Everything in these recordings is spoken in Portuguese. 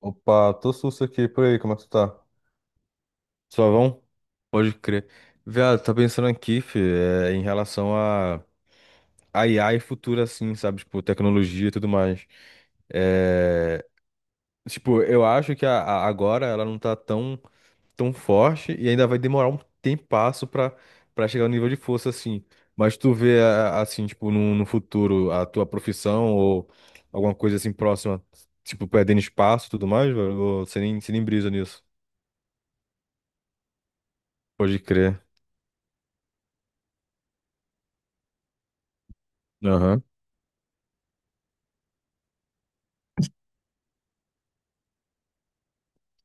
Opa, tô susto aqui, por aí, como é que tu tá? Suavão? Pode crer. Viado, tá pensando aqui, fi, em relação a IA e futuro, assim, sabe? Tipo, tecnologia e tudo mais. É, tipo, eu acho que agora ela não tá tão forte e ainda vai demorar um tempasso pra chegar no nível de força, assim. Mas tu vê, assim, tipo, no futuro, a tua profissão ou alguma coisa assim próxima, tipo, perdendo espaço e tudo mais, velho? Ou você nem brisa nisso? Pode crer. Aham.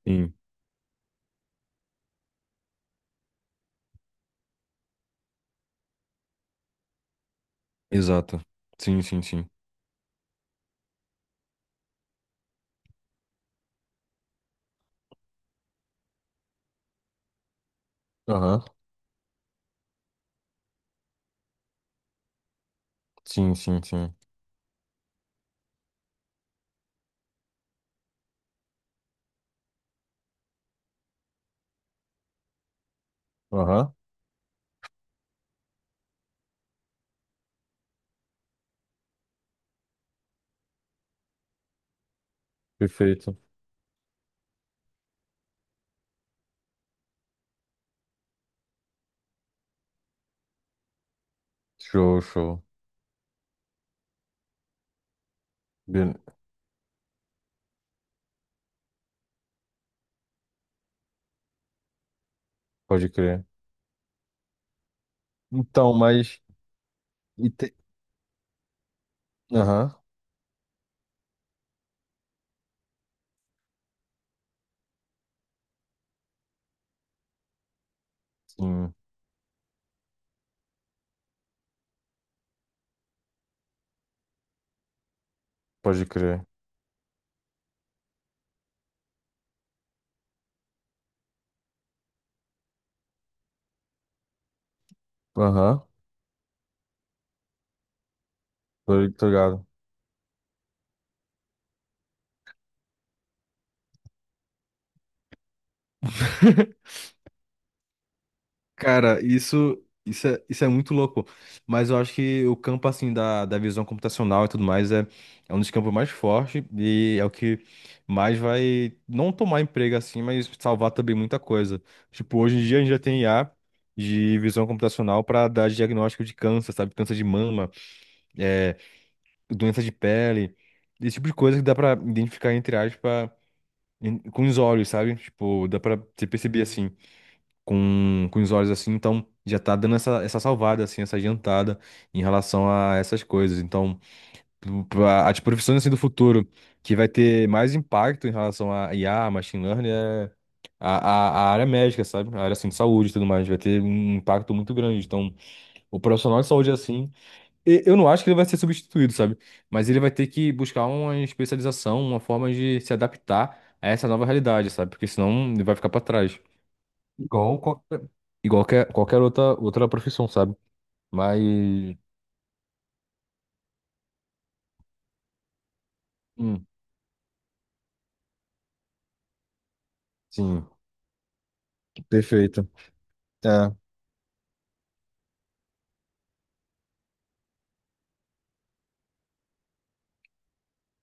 Sim. Exato. Sim, sim, sim. Aham. Sim, sim, sim. Aham. Perfeito. Show, show. Bele- Pode crer. Então, mas. e te- Aham. Sim. Pode crer. Aham. Tô ligado. Cara, isso é muito louco. Mas eu acho que o campo, assim, da visão computacional e tudo mais é um dos campos mais fortes e é o que mais vai não tomar emprego, assim, mas salvar também muita coisa. Tipo, hoje em dia a gente já tem IA de visão computacional para dar diagnóstico de câncer, sabe? Câncer de mama, é, doença de pele, esse tipo de coisa que dá para identificar, entre aspas, com os olhos, sabe? Tipo, dá para você perceber, assim com os olhos assim, então já tá dando essa salvada, assim, essa adiantada em relação a essas coisas. Então, as profissões assim do futuro que vai ter mais impacto em relação a IA, machine learning, é a, a área médica, sabe? A área assim, de saúde e tudo mais, vai ter um impacto muito grande. Então, o profissional de saúde assim, eu não acho que ele vai ser substituído, sabe? Mas ele vai ter que buscar uma especialização, uma forma de se adaptar a essa nova realidade, sabe? Porque senão ele vai ficar pra trás. Igual qualquer, igual qualquer outra profissão, sabe? Mas. Hum, sim, perfeito. É,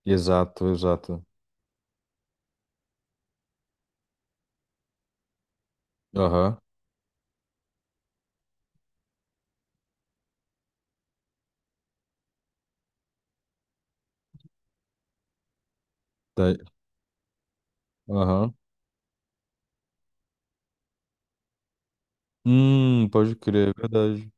exato, exato. Aham. Tá- Aham. Pode crer, é verdade.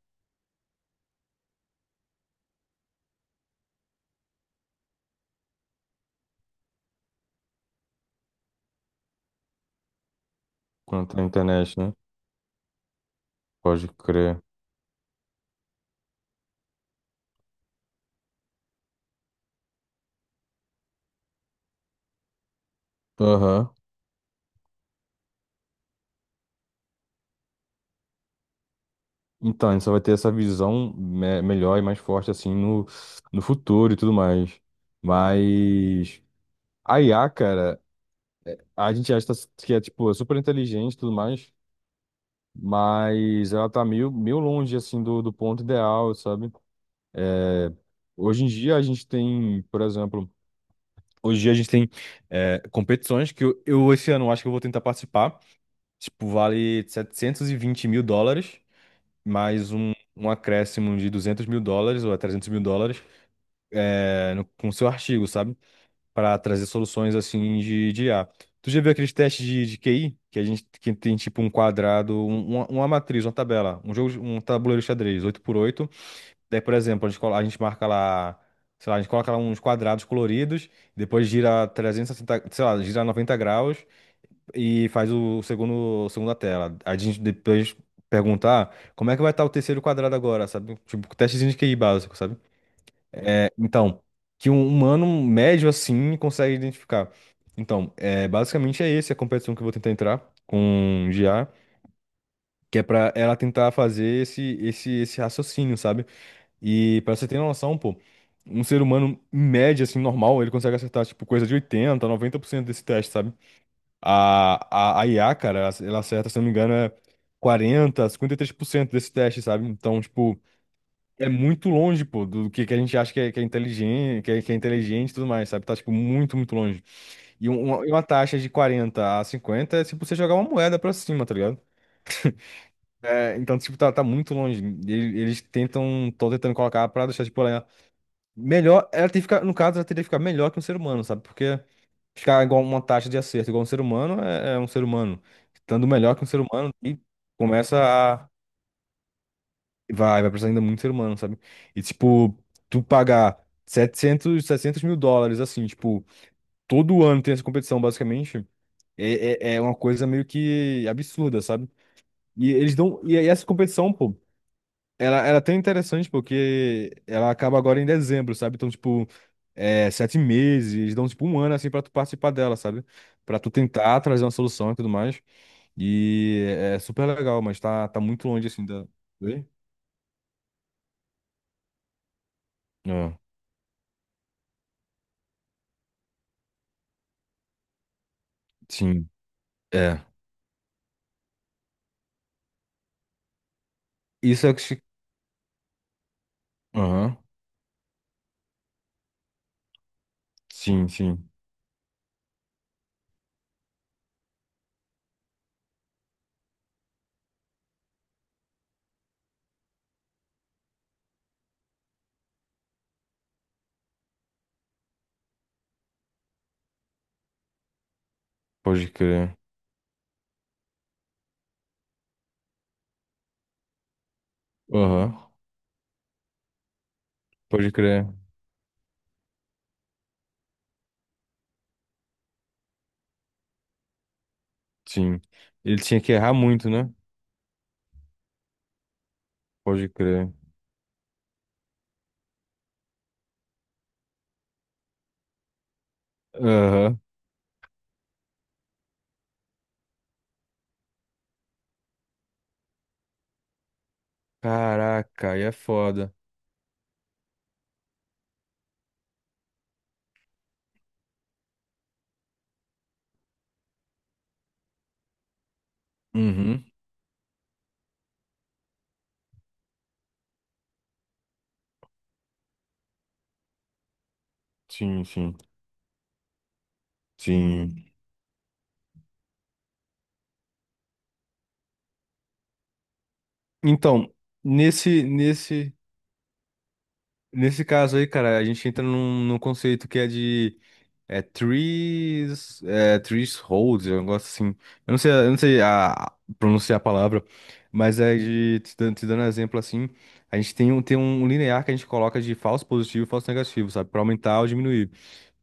Quanto à internet, né? Pode crer. Aham. Então, a gente só vai ter essa visão melhor e mais forte, assim, no futuro e tudo mais. Mas. A IA, cara, a gente acha que é, tipo, super inteligente e tudo mais. Mas ela tá meio longe, assim, do ponto ideal, sabe? É, Hoje em dia a gente tem, por exemplo, hoje em dia a gente tem é, competições que eu esse ano acho que eu vou tentar participar. Tipo, vale US$ 720 mil, mais um acréscimo de US$ 200 mil ou US$ 300 mil com seu artigo, sabe? Para trazer soluções assim de I a. Tu já viu aqueles testes de QI? Que a gente que tem tipo um quadrado, uma matriz, uma tabela, um jogo, um tabuleiro de xadrez, oito por oito. Daí, por exemplo, a gente marca lá, sei lá, a gente coloca lá uns quadrados coloridos, depois gira 360 sei lá, gira 90 graus e faz segunda tela. A gente depois perguntar como é que vai estar o terceiro quadrado agora, sabe? Tipo, testezinho de QI básico, sabe? É, então, que um humano médio assim consegue identificar. Então, basicamente é esse a competição que eu vou tentar entrar com GA, que é pra ela tentar fazer esse raciocínio, sabe? E pra você ter noção, pô, um ser humano em média, assim, normal, ele consegue acertar, tipo, coisa de 80, 90% desse teste, sabe? A IA, cara, ela acerta, se eu não me engano, é 40, 53% desse teste, sabe? Então, tipo, é muito longe, pô, do que a gente acha que é, inteligente, que é inteligente e tudo mais, sabe? Tá, tipo, muito, muito longe. E uma taxa de 40 a 50 é tipo você jogar uma moeda pra cima, tá ligado? É, então, tipo, tá muito longe. Eles tentam, estão tentando colocar pra deixar, tipo, ela é melhor. Ela tem que ficar, no caso, ela teria que ficar melhor que um ser humano, sabe? Porque ficar igual uma taxa de acerto igual um ser humano é um ser humano. Estando melhor que um ser humano, e começa. Vai precisar ainda muito ser humano, sabe? E, tipo, tu pagar setecentos mil dólares, assim, tipo, todo ano tem essa competição, basicamente, é uma coisa meio que absurda, sabe? E eles dão. E aí essa competição, pô, ela é até interessante, porque ela acaba agora em dezembro, sabe? Então, tipo, 7 meses, eles dão, tipo, um ano, assim, pra tu participar dela, sabe? Pra tu tentar trazer uma solução e tudo mais. E é super legal, mas tá muito longe, assim, da. Oi? Ah, sim. É. Isso é que se. Aham. Sim, sim. Pode crer. Aham. Pode crer. Sim. Ele tinha que errar muito, né? Pode crer. Aham. Caraca, aí é foda. Uhum. Sim, sim. Sim. Então, nesse, nesse, nesse caso aí, cara, a gente entra num conceito que é de é Trees Hold, um negócio assim. Eu não sei pronunciar a palavra, mas é de te dando exemplo assim. A gente tem um linear que a gente coloca de falso positivo e falso negativo, sabe? Para aumentar ou diminuir.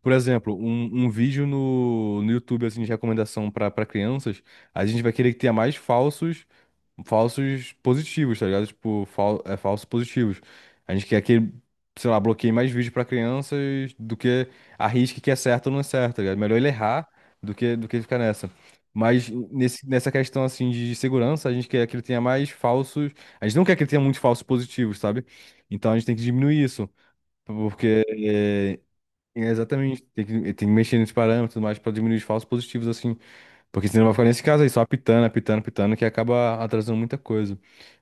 Por exemplo, um vídeo no YouTube assim, de recomendação para crianças, a gente vai querer que tenha mais falsos positivos, tá ligado? Tipo, falsos positivos. A gente quer que, sei lá, bloqueie mais vídeos pra crianças do que arrisque que é certo ou não é certo, tá ligado? Melhor ele errar do que ficar nessa. Mas nessa questão, assim, de segurança, a gente quer que ele tenha mais falsos... A gente não quer que ele tenha muitos falsos positivos, sabe? Então a gente tem que diminuir isso, porque... É exatamente, tem que mexer nesse parâmetro e tudo mais pra diminuir os falsos positivos, assim, porque senão vai ficar nesse caso aí, só apitando, apitando, apitando, que acaba atrasando muita coisa.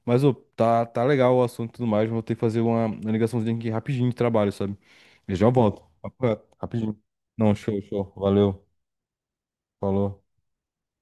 Mas, ô, tá legal o assunto e tudo mais, vou ter que fazer uma ligaçãozinha aqui rapidinho de trabalho, sabe? Eu já volto. Papo reto, rapidinho. Não, show, show. Valeu. Falou.